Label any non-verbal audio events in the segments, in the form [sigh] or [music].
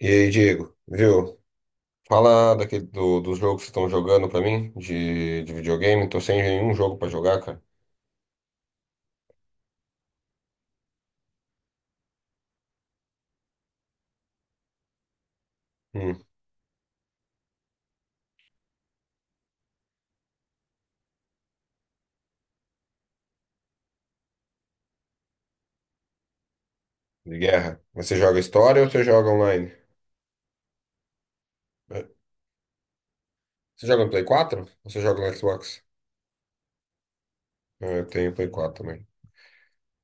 E aí, Diego, viu? Fala daquele, dos jogos que estão jogando pra mim, de videogame. Tô sem nenhum jogo pra jogar, cara. Hum, de guerra. Mas você joga história ou você joga online? É. Você joga no Play 4? Ou você joga no Xbox? É, eu tenho Play 4 também.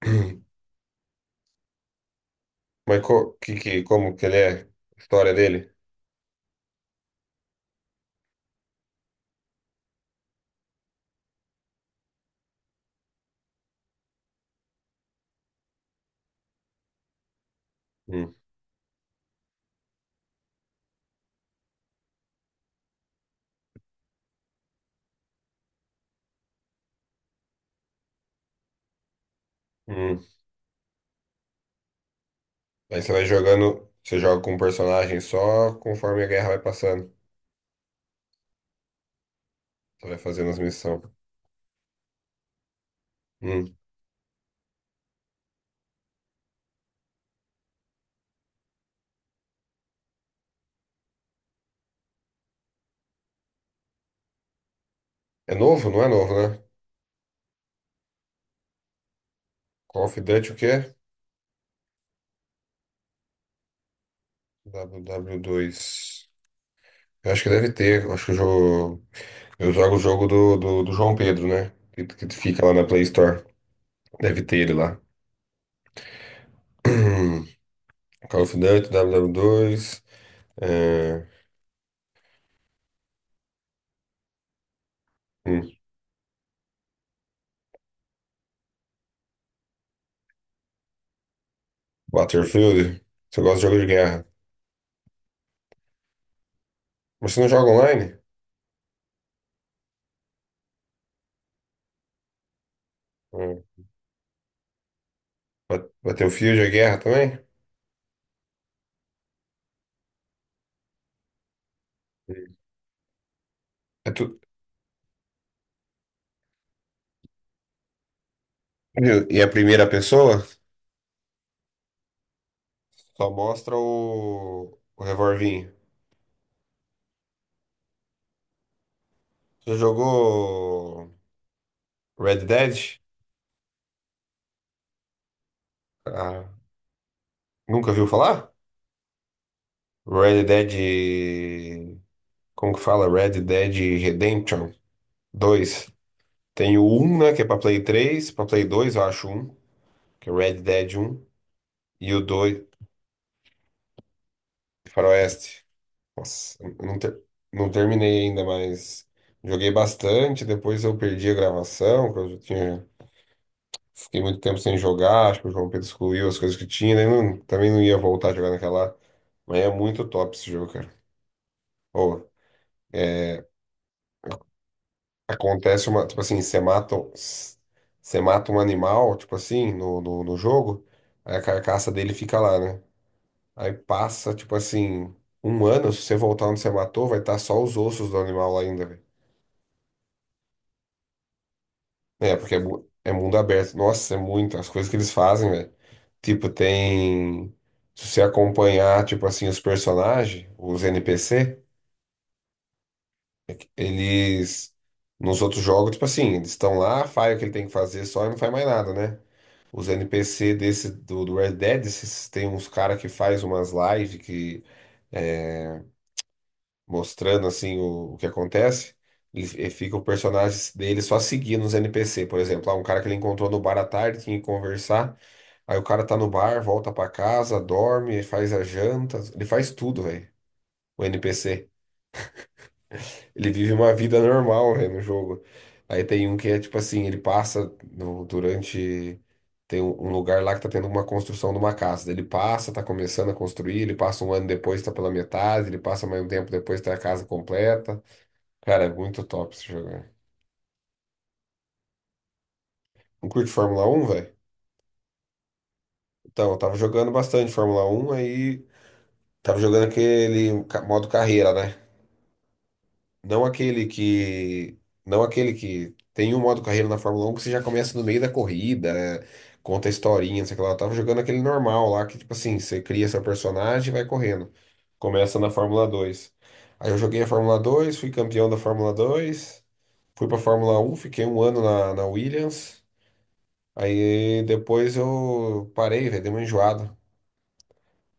[clears throat] Mas como que ele é? A história dele? Hum, hum. Aí você vai jogando, você joga com um personagem só conforme a guerra vai passando. Você vai fazendo as missões. Hum. É novo? Não é novo, né? Call of Duty o quê? WW2. Eu acho que deve ter. Eu acho que o jogo. Eu jogo o jogo do João Pedro, né? Que fica lá na Play Store. Deve ter ele lá. [clears throat] Call of Duty, WW2. É. Hum. Battlefield. Você gosta de jogo de guerra? Mas você não joga online? Hum. Battlefield é guerra também? Hum. É tu... E a primeira pessoa só mostra o revolvinho. Você jogou Red Dead? Ah, nunca viu falar? Red Dead. Como que fala? Red Dead Redemption 2. Tem o 1, né? Que é pra Play 3, pra Play 2. Eu acho um, que é Red Dead 1. E o dois. Faroeste. Nossa, eu não, ter- não terminei ainda, mas joguei bastante. Depois eu perdi a gravação, que eu já tinha. Fiquei muito tempo sem jogar, acho que o João Pedro excluiu as coisas que tinha, né? Também não ia voltar a jogar naquela. Mas é muito top esse jogo, cara. Ô, é, acontece uma, tipo assim, você mata um animal, tipo assim, no jogo, aí a carcaça dele fica lá, né? Aí passa, tipo assim, um ano, se você voltar onde você matou, vai estar só os ossos do animal lá ainda, velho. É, porque é mundo aberto. Nossa, é muito, as coisas que eles fazem, velho. Tipo, tem. Se você acompanhar, tipo assim, os personagens, os NPC, eles. Nos outros jogos, tipo assim, eles estão lá, faz o que ele tem que fazer só e não faz mais nada, né? Os NPC desse do Red Dead, tem uns cara que faz umas lives que é, mostrando assim o que acontece. E fica o personagem dele só seguindo os NPC, por exemplo, lá um cara que ele encontrou no bar à tarde, tinha que conversar. Aí o cara tá no bar, volta pra casa, dorme, faz a janta, ele faz tudo, velho. O NPC. Ele vive uma vida normal, né, no jogo. Aí tem um que é tipo assim, ele passa durante. Tem um lugar lá que tá tendo uma construção de uma casa. Daí ele passa, tá começando a construir, ele passa um ano depois, tá pela metade, ele passa mais um tempo depois, tá a casa completa. Cara, é muito top esse jogo, né? Não curte Fórmula 1, velho? Então, eu tava jogando bastante Fórmula 1 aí, tava jogando aquele modo carreira, né? Não aquele que. Não aquele que tem um modo carreira na Fórmula 1 que você já começa no meio da corrida, conta a historinha, não sei o que lá. Eu tava jogando aquele normal lá, que tipo assim, você cria seu personagem e vai correndo. Começa na Fórmula 2. Aí eu joguei a Fórmula 2, fui campeão da Fórmula 2, fui pra Fórmula 1, fiquei um ano na, Williams. Aí depois eu parei, velho, dei uma enjoada.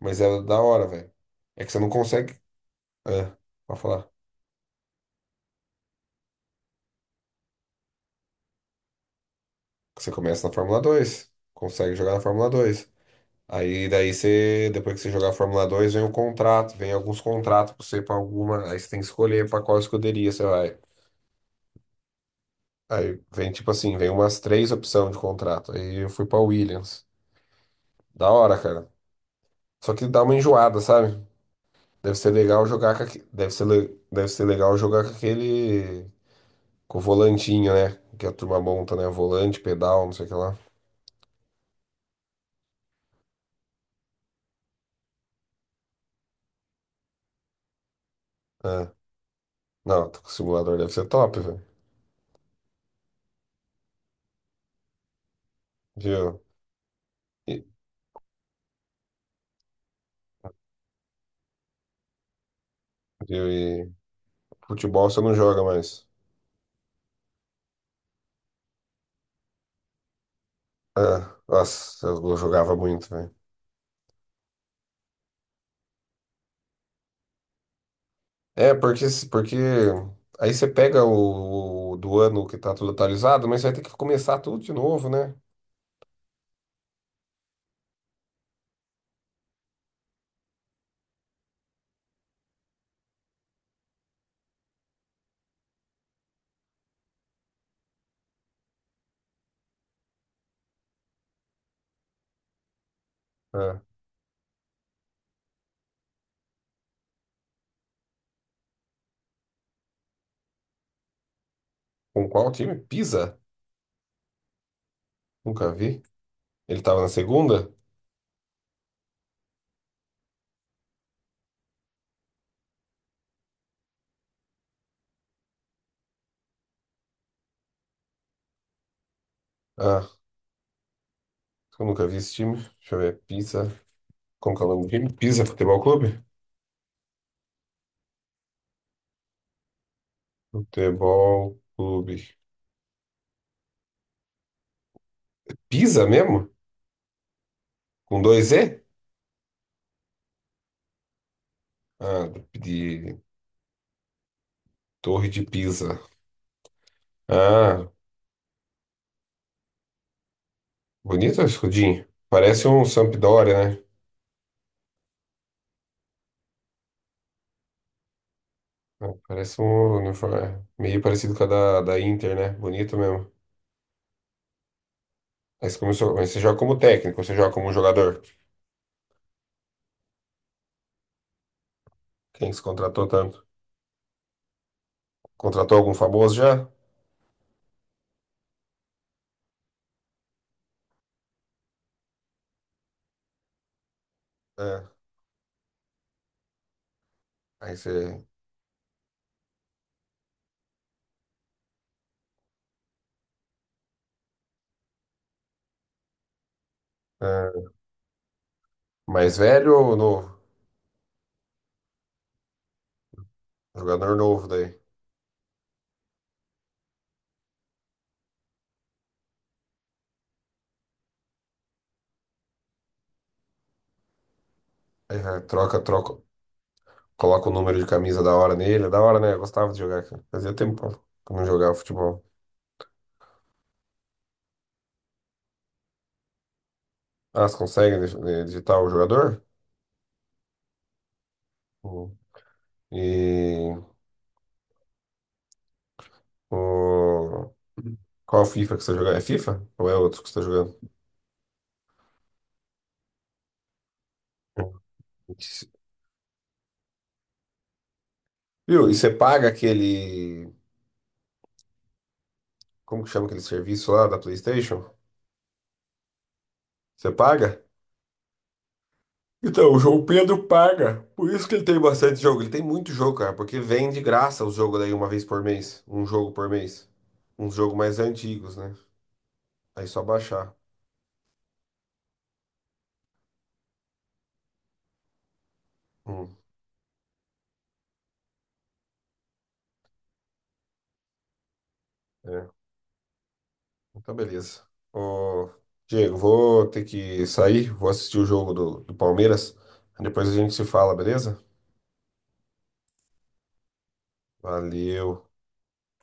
Mas era da hora, velho. É que você não consegue. Ah, pode falar. Você começa na Fórmula 2, consegue jogar na Fórmula 2. Aí daí você, depois que você jogar a Fórmula 2, vem o contrato, vem alguns contratos pra você para alguma, aí você tem que escolher pra qual escuderia você vai. Aí vem tipo assim, vem umas três opções de contrato. Aí eu fui pra Williams. Da hora, cara. Só que dá uma enjoada, sabe? Deve ser legal jogar com aquele com o volantinho, né? Que a turma monta, né? Volante, pedal, não sei o que lá. Ah, não, tô com o simulador, deve ser top, velho. Viu? E futebol você não joga mais. Ah, nossa, eu jogava muito, velho. É, porque, porque aí você pega o do ano que tá tudo atualizado, mas você vai ter que começar tudo de novo, né? Ah, com qual time? Pisa? Nunca vi. Ele tava na segunda? Ah, eu nunca vi esse time. Deixa eu ver. Pisa. Como que é o nome do time? Pisa Futebol Clube? Futebol Clube. Pisa mesmo? Com dois E? Ah, de Torre de Pisa. Ah, bonito o escudinho. Parece um Sampdoria, né? É, parece um uniforme, é meio parecido com a da Inter, né? Bonito mesmo. Aí você começou, mas você joga como técnico, você joga como jogador. Quem que você contratou tanto? Contratou algum famoso já? É. Aí você. é, Mais velho ou novo? Jogador novo daí. Aí é, troca, troca. Coloca o número de camisa da hora nele. É da hora, né? Eu gostava de jogar, cara. Fazia tempo pra não jogava futebol. Ah, você consegue digitar o jogador? Hum. E. O... Qual FIFA que você tá jogando? É FIFA? Ou é outro que você tá jogando? Viu? E você paga aquele. Como que chama aquele serviço lá da PlayStation? Você paga? Então, o João Pedro paga. Por isso que ele tem bastante jogo. Ele tem muito jogo, cara, porque vem de graça os jogos daí uma vez por mês. Um jogo por mês. Uns jogos mais antigos, né? Aí só baixar. Hum, é. Então, beleza. Ô, Diego, vou ter que sair. Vou assistir o jogo do Palmeiras. Depois a gente se fala, beleza? Valeu.